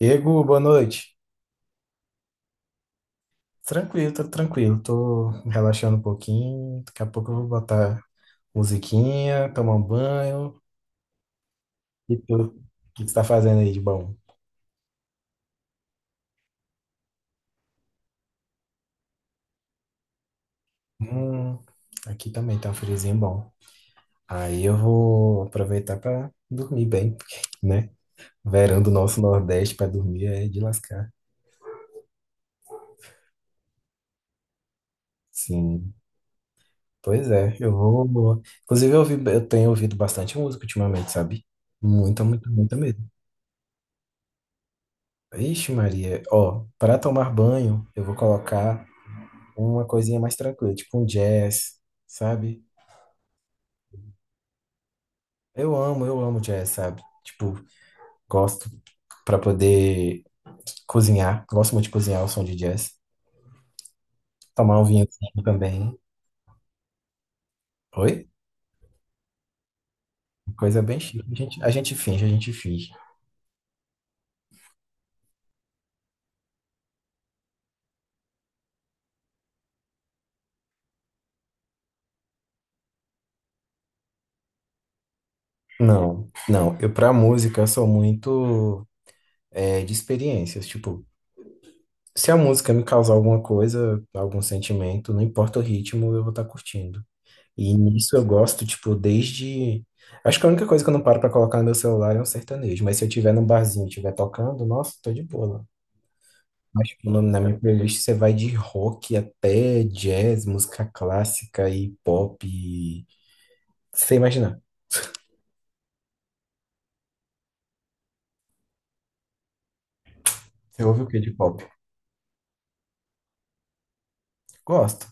Ego, boa noite. Tranquilo. Tô relaxando um pouquinho. Daqui a pouco eu vou botar musiquinha, tomar um banho. E tu? O que que você tá fazendo aí de bom? Hum, aqui também tá um friozinho bom. Aí eu vou aproveitar pra dormir bem, porque, né? Verão do nosso Nordeste pra dormir é de lascar. Sim. Pois é, eu vou. Inclusive, eu ouvi, eu tenho ouvido bastante música ultimamente, sabe? Muita, muita, muita mesmo. Ixi, Maria, ó, para tomar banho, eu vou colocar uma coisinha mais tranquila, tipo um jazz, sabe? Eu amo jazz, sabe? Tipo, gosto para poder cozinhar, gosto muito de cozinhar o som de jazz. Tomar um vinhozinho também. Oi? Coisa bem chique. A gente finge, a gente finge. Não, não, eu pra música eu sou muito de experiências, tipo, se a música me causar alguma coisa, algum sentimento, não importa o ritmo, eu vou estar curtindo. E nisso eu gosto, tipo, desde. Acho que a única coisa que eu não paro pra colocar no meu celular é um sertanejo. Mas se eu tiver num barzinho e estiver tocando, nossa, tô de boa lá. Mas, tipo, na minha playlist você vai de rock até jazz, música clássica e pop. E... Sem imaginar. Você ouve o que de pop? Gosto.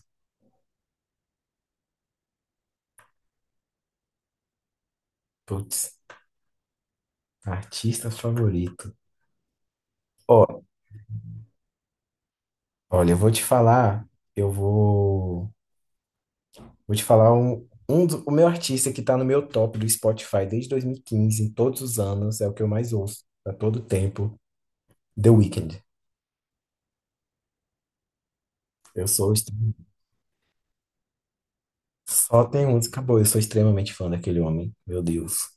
Putz, artista favorito. Ó, olha, eu vou te falar. Eu vou. Vou te falar o meu artista que tá no meu top do Spotify desde 2015, em todos os anos, é o que eu mais ouço a todo tempo, The Weeknd. Eu sou extrem- só tem música boa, eu sou extremamente fã daquele homem. Meu Deus.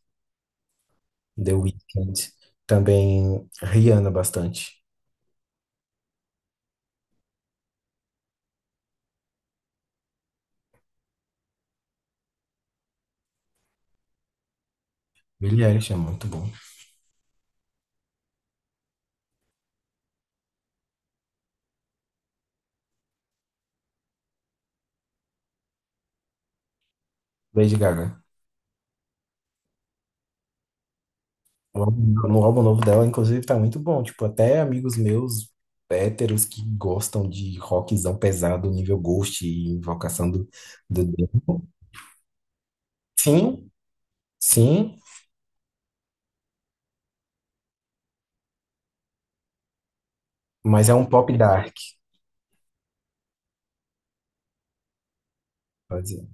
The Weeknd. Também Rihanna bastante. Billie Eilish é muito bom. Lady Gaga. O álbum, no álbum novo dela, inclusive, tá muito bom. Tipo, até amigos meus héteros que gostam de rockzão pesado, nível Ghost e invocação do... Sim, sim, mas é um pop dark, pode dizer.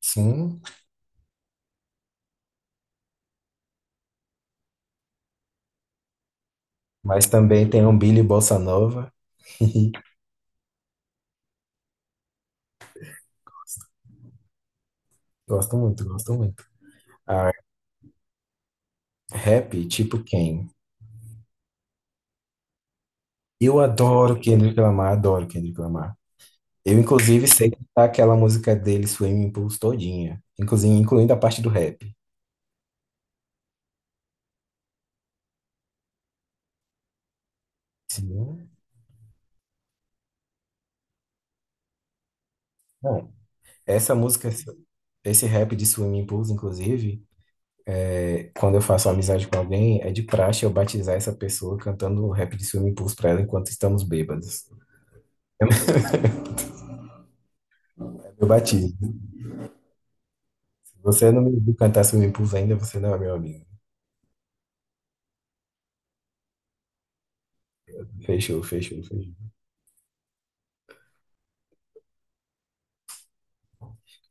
Sim, mas também tem um Billy Bossa Nova. Gosto muito, gosto muito. Ah, rap, tipo quem? Eu adoro Kendrick Lamar, adoro Kendrick Lamar. Eu, inclusive, sei que tá aquela música dele, Swim Impulse, todinha. Inclusive, incluindo a parte do rap. Sim. Bom essa música, esse rap de Swim Impulse, inclusive, é quando eu faço amizade com alguém, é de praxe eu batizar essa pessoa cantando o rap de Swimming Pools pra ela enquanto estamos bêbados. É. Eu bati. Se você não me viu cantar Swimming Pools ainda, você não é meu amigo. Fechou, fechou, fechou.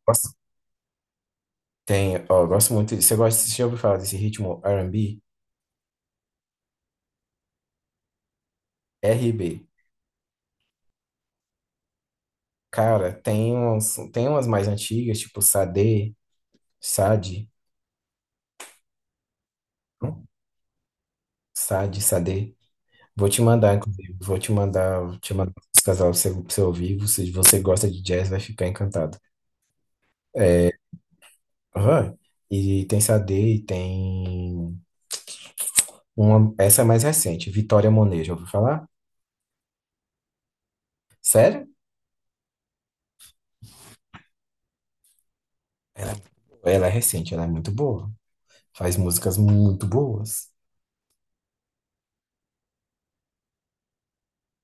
Nossa, tem, ó, eu gosto muito. Você gosta, você já ouviu falar desse ritmo R&B? RB. Cara, tem uns, tem umas mais antigas, tipo Sade, Sade, hum? Sade, Sade. Vou te mandar, inclusive. Vou te mandar os casal pra você ouvir. Se Você- você gosta de jazz, vai ficar encantado. É. Aham. E tem Sade, e tem uma, essa é mais recente, Vitória Monet, já ouviu falar? Sério? Ela, ela é recente, ela é muito boa. Faz músicas muito boas.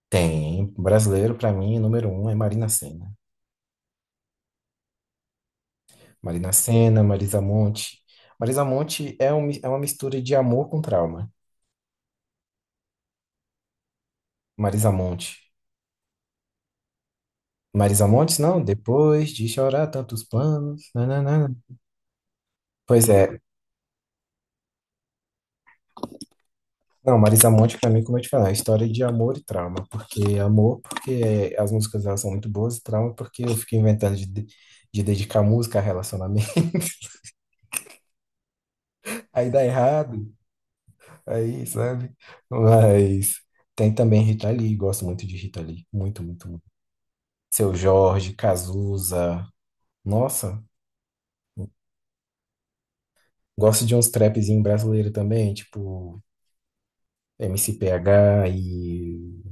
Tem. Brasileiro, pra mim, número um é Marina Sena. Marina Sena, Marisa Monte. Marisa Monte é uma mistura de amor com trauma. Marisa Monte. Marisa Monte, não, depois de chorar tantos planos. Nananana. Pois é. Não, Marisa Monte, pra mim, como eu te falei, é história de amor e trauma. Porque é amor, porque é, as músicas dela são muito boas, e trauma, porque eu fico inventando de dedicar música a relacionamento. Aí dá errado. Aí, sabe? Mas tem também Rita Lee, gosto muito de Rita Lee. Muito, muito, muito. Seu Jorge, Cazuza. Nossa, gosto de uns trapzinhos brasileiros também, tipo MCPH e.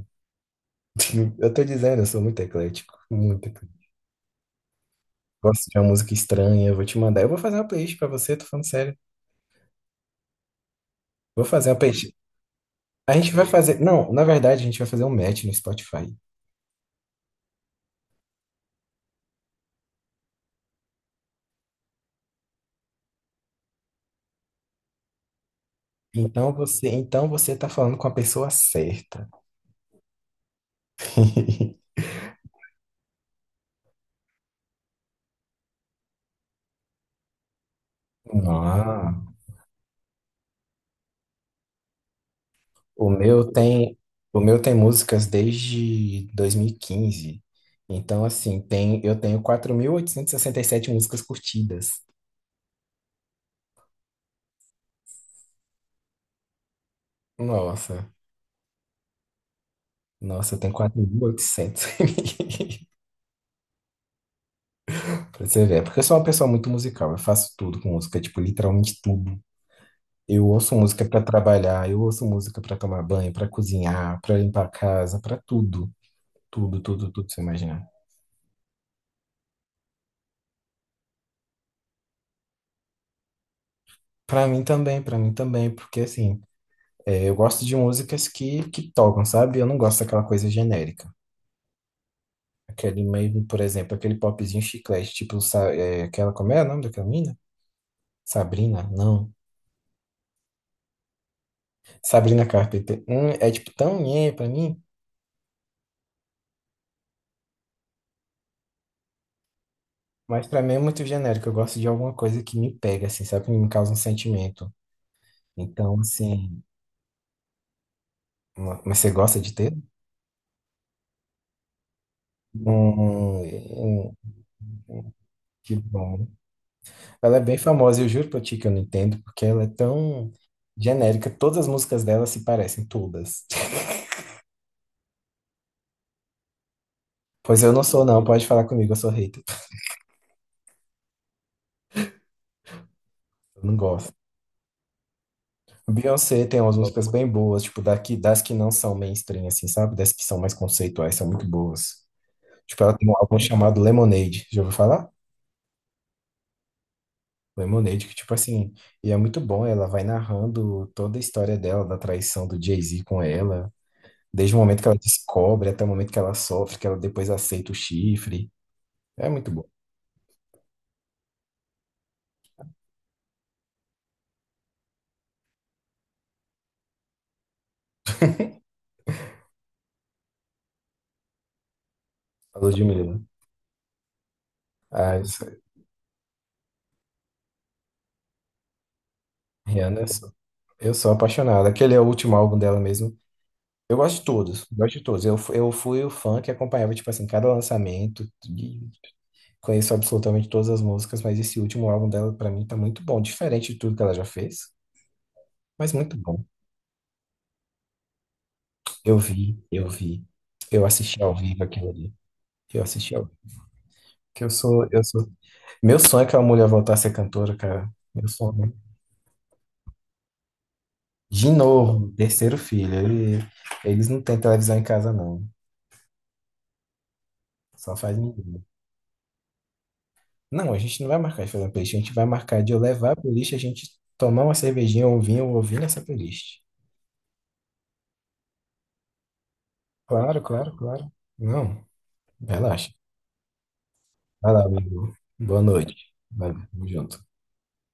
Eu tô dizendo, eu sou muito eclético. Muito eclético. Gosto de uma música estranha, eu vou te mandar. Eu vou fazer uma playlist pra você, tô falando sério. Vou fazer uma playlist. A gente vai fazer. Não, na verdade, a gente vai fazer um match no Spotify. Então você tá falando com a pessoa certa. Ah. O meu tem, o meu tem músicas desde 2015. Então, assim, tem, eu tenho 4.867 músicas curtidas. Nossa, nossa, eu tenho 4.800. Pra você ver, é porque eu sou uma pessoa muito musical, eu faço tudo com música, tipo, literalmente tudo. Eu ouço música pra trabalhar, eu ouço música pra tomar banho, pra cozinhar, pra limpar a casa, pra tudo, tudo, tudo, tudo, você imaginar. Pra mim também, porque assim, é, eu gosto de músicas que tocam, sabe? Eu não gosto daquela coisa genérica. Aquele meio, por exemplo, aquele popzinho chiclete, tipo, aquela, como é o nome daquela mina? Sabrina? Não. Sabrina Carpenter. É tipo tão nhé pra mim, mas pra mim é muito genérico. Eu gosto de alguma coisa que me pega, assim, sabe? Que me causa um sentimento. Então, assim, mas você gosta de ter? Um, um, que bom. Ela é bem famosa, eu juro pra ti que eu não entendo, porque ela é tão genérica. Todas as músicas dela se parecem, todas. Pois eu não sou, não. Pode falar comigo, eu sou hater. Eu não gosto. Beyoncé tem umas músicas bem boas, tipo, daqui, das que não são mainstream, assim, sabe? Das que são mais conceituais, são muito boas. Tipo, ela tem um álbum chamado Lemonade. Já ouviu falar? Lemonade, que, tipo assim, e é muito bom. Ela vai narrando toda a história dela, da traição do Jay-Z com ela, desde o momento que ela descobre até o momento que ela sofre, que ela depois aceita o chifre. É muito bom. A Ludmilla. A Rihanna, eu sou apaixonado. Aquele é o último álbum dela mesmo. Eu gosto de todos, gosto de todos. Eu fui o fã que acompanhava, tipo assim, cada lançamento, e conheço absolutamente todas as músicas, mas esse último álbum dela, pra mim, tá muito bom, diferente de tudo que ela já fez, mas muito bom. Eu vi, eu vi, eu assisti ao vivo aquilo ali, eu assisti ao vivo. Que eu sou, eu sou. Meu sonho é que a mulher voltar a ser cantora, cara. Meu sonho. Né? De novo, terceiro filho. Eles não têm televisão em casa, não. Só faz menino. Não, a gente não vai marcar de fazer uma playlist. A gente vai marcar de eu levar a playlist, a gente tomar uma cervejinha ou um vinho ouvindo essa playlist. Claro, claro, claro. Não, relaxa. Vai lá, amigo. Boa noite. Vai, tamo junto.